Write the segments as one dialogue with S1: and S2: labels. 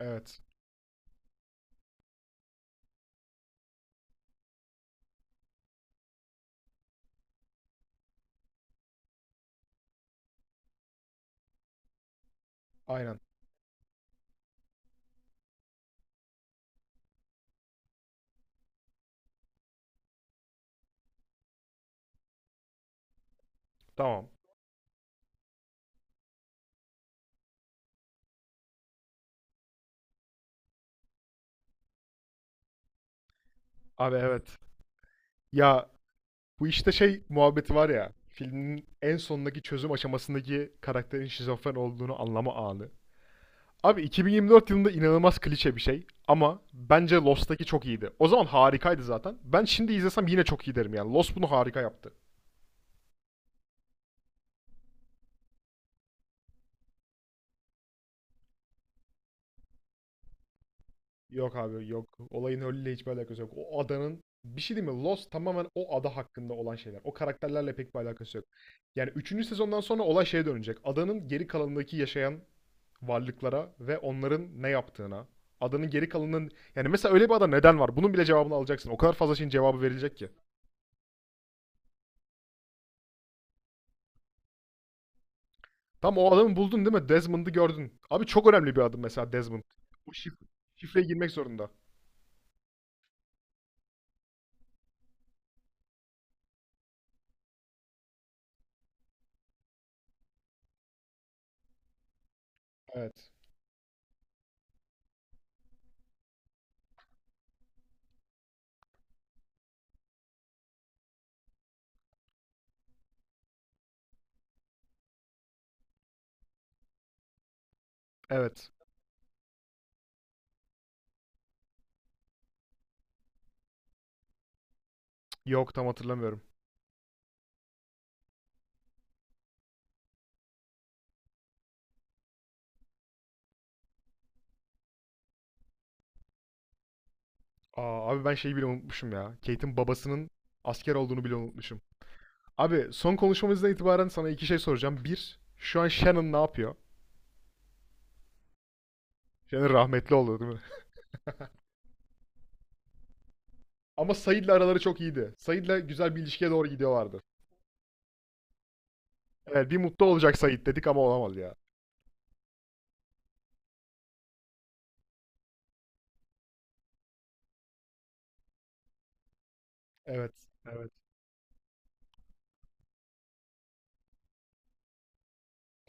S1: Evet. Aynen. Tamam. Abi evet. Ya bu işte şey muhabbeti var ya. Filmin en sondaki çözüm aşamasındaki karakterin şizofren olduğunu anlama anı. Abi 2024 yılında inanılmaz klişe bir şey ama bence Lost'taki çok iyiydi. O zaman harikaydı zaten. Ben şimdi izlesem yine çok iyi derim yani. Lost bunu harika yaptı. Yok abi yok. Olayın öyle hiçbir alakası yok. O adanın bir şey değil mi? Lost tamamen o ada hakkında olan şeyler. O karakterlerle pek bir alakası yok. Yani üçüncü sezondan sonra olay şeye dönecek. Adanın geri kalanındaki yaşayan varlıklara ve onların ne yaptığına. Adanın geri kalanının yani mesela öyle bir ada neden var? Bunun bile cevabını alacaksın. O kadar fazla şeyin cevabı verilecek ki. Tam o adamı buldun değil mi? Desmond'ı gördün. Abi çok önemli bir adım mesela Desmond. Bu şif- Şifreye girmek zorunda. Evet. Evet. Yok tam hatırlamıyorum. Aa, abi ben şeyi bile unutmuşum ya. Kate'in babasının asker olduğunu bile unutmuşum. Abi son konuşmamızdan itibaren sana iki şey soracağım. Bir, şu an Shannon ne yapıyor? Shannon rahmetli oldu değil mi? Ama Said'le araları çok iyiydi. Said'le güzel bir ilişkiye doğru gidiyorlardı. Evet, bir mutlu olacak Sait dedik ama olamadı ya. Evet, evet.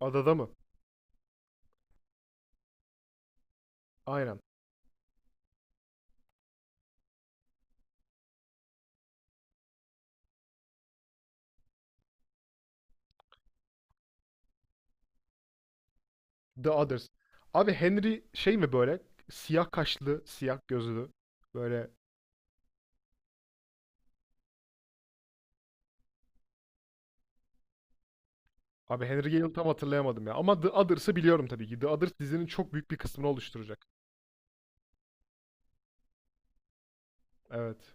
S1: Adada mı? Aynen. The Others. Abi Henry şey mi böyle? Siyah kaşlı, siyah gözlü. Böyle. Abi Henry Gale'ı tam hatırlayamadım ya. Ama The Others'ı biliyorum tabii ki. The Others dizinin çok büyük bir kısmını oluşturacak. Evet.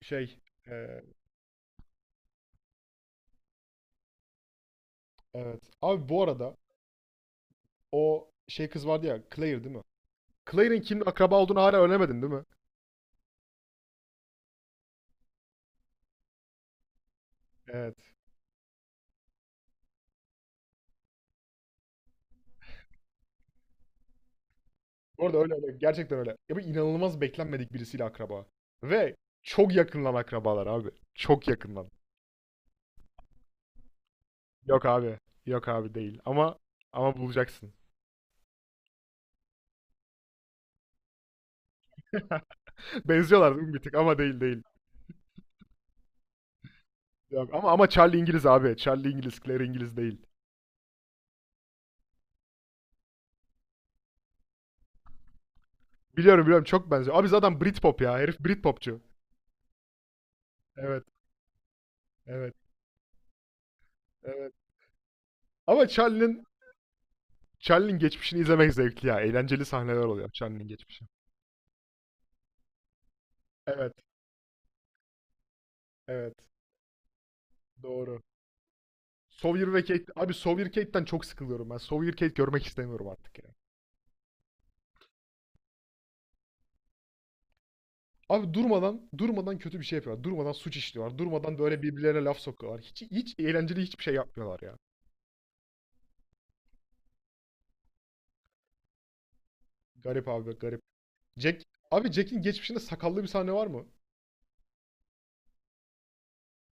S1: Şey. e, evet. Abi bu arada o şey kız vardı ya. Claire değil mi? Claire'in kimin akraba olduğunu hala öğrenemedin değil mi? Evet. Orada öyle öyle. Gerçekten öyle. Ya bu inanılmaz beklenmedik birisiyle akraba. Ve çok yakınlan akrabalar abi. Çok yakınlan. Yok abi. Yok abi değil. Ama bulacaksın. Benziyorlar değil mi bir tık ama değil değil. Yok. Ama Charlie İngiliz abi. Charlie İngiliz, Claire İngiliz değil. Biliyorum biliyorum çok benziyor. Abi zaten Britpop ya. Herif Britpopçu. Evet. Evet. Evet. Ama Charlie'nin geçmişini izlemek zevkli ya. Eğlenceli sahneler oluyor Charlie'nin geçmişi. Evet. Evet. Doğru. Sawyer Abi Sawyer çok sıkılıyorum ben. Sawyer görmek istemiyorum artık ya. Abi durmadan durmadan kötü bir şey yapıyorlar. Durmadan suç işliyorlar. Durmadan böyle birbirlerine laf sokuyorlar. Hiç hiç eğlenceli hiçbir şey yapmıyorlar ya. Garip abi garip. Jack Abi Jack'in geçmişinde sakallı bir sahne var mı?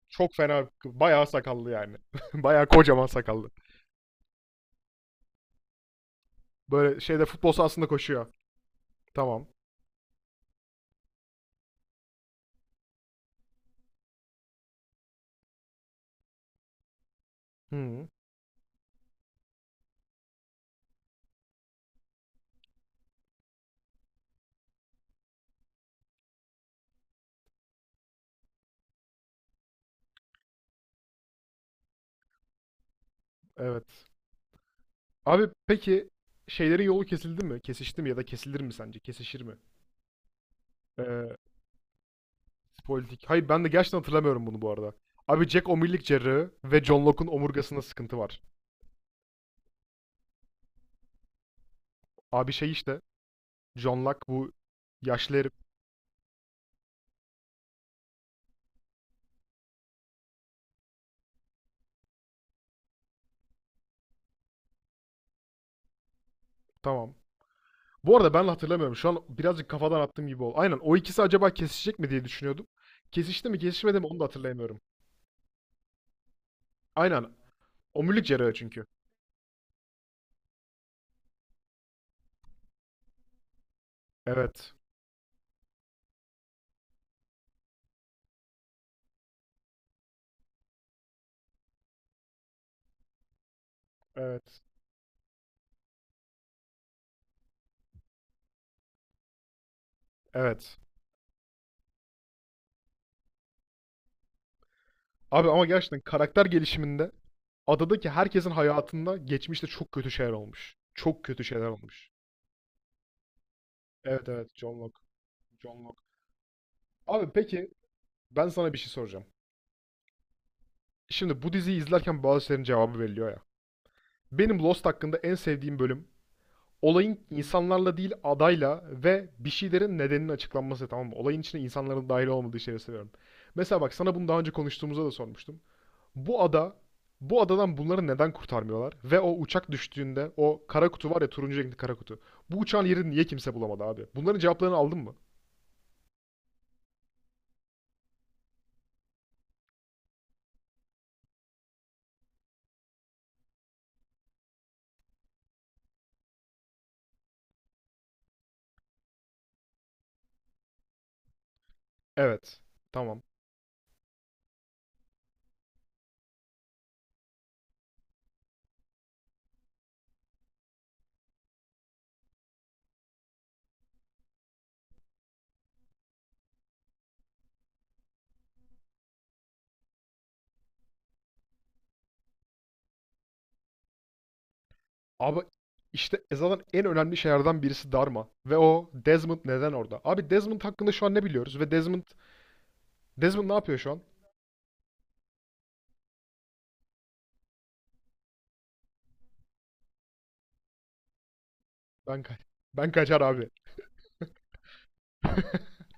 S1: Çok fena bayağı sakallı yani. bayağı kocaman sakallı. Böyle şeyde futbol sahasında koşuyor. Tamam. Hı, evet. Abi peki şeylerin yolu kesildi mi? Kesişti mi ya da kesilir mi sence? Kesişir mi? Ee, Politik. Hayır ben de gerçekten hatırlamıyorum bunu bu arada. Abi Jack omurilik cerrahı ve John Locke'un omurgasında sıkıntı var. Abi şey işte John Locke bu yaşlı herif. Tamam. Bu arada ben de hatırlamıyorum. Şu an birazcık kafadan attığım gibi oldu. Aynen o ikisi acaba kesişecek mi diye düşünüyordum. Kesişti mi kesişmedi mi onu da hatırlayamıyorum. Aynen. Omurilik cerrahı çünkü. Evet. Evet. Evet. Abi ama gerçekten karakter gelişiminde adadaki herkesin hayatında geçmişte çok kötü şeyler olmuş. Çok kötü şeyler olmuş. Evet evet John Locke. John Locke. Abi peki ben sana bir şey soracağım. Şimdi bu diziyi izlerken bazı şeylerin cevabı veriliyor ya. Benim Lost hakkında en sevdiğim bölüm olayın insanlarla değil adayla ve bir şeylerin nedeninin açıklanması tamam mı? Olayın içine insanların dahil olmadığı şeyleri seviyorum. Mesela bak sana bunu daha önce konuştuğumuzda da sormuştum. Bu ada bu adadan bunları neden kurtarmıyorlar? Ve o uçak düştüğünde o kara kutu var ya turuncu renkli kara kutu. Bu uçağın yerini niye kimse bulamadı abi? Bunların cevaplarını aldın mı? Evet. Tamam. Abi işte Eza'nın en önemli şeylerden birisi Dharma. Ve o Desmond neden orada? Abi Desmond hakkında şu an ne biliyoruz? Ve Desmond ne yapıyor şu an? Ben ka- ben kaçar abi.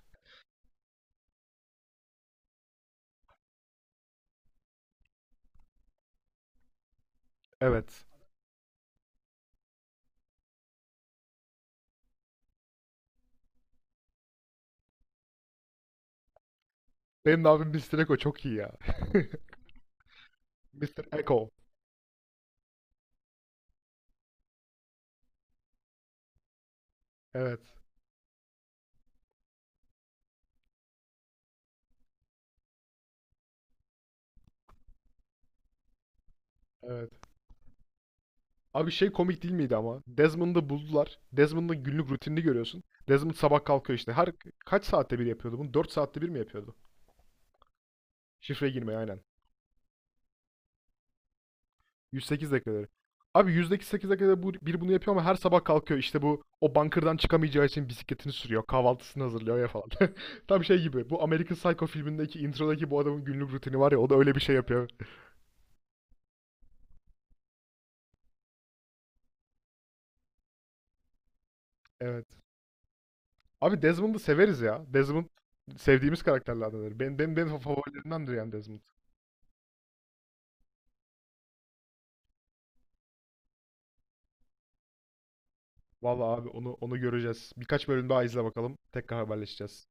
S1: Evet. Benim de abim Mr. Echo çok iyi ya. Mr. Echo. Evet. Evet. Abi şey komik değil miydi ama? Desmond'ı buldular. Desmond'ın günlük rutinini görüyorsun. Desmond sabah kalkıyor işte. Her kaç saatte bir yapıyordu bunu? 4 saatte bir mi yapıyordu? Şifre girmeyi aynen. 108 dakikaları. Abi yüzdeki 8 dakikada bu, biri bunu yapıyor ama her sabah kalkıyor. İşte bu o bunkerdan çıkamayacağı için bisikletini sürüyor. Kahvaltısını hazırlıyor ya falan. Tam şey gibi. Bu American Psycho filmindeki introdaki bu adamın günlük rutini var ya o da öyle bir şey yapıyor. Evet. Abi Desmond'u severiz ya. Desmond sevdiğimiz karakterlerdendir. Benim favorilerimdendir yani Desmond. Vallahi abi onu göreceğiz. Birkaç bölüm daha izle bakalım. Tekrar haberleşeceğiz.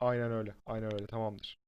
S1: Aynen öyle. Aynen öyle. Tamamdır.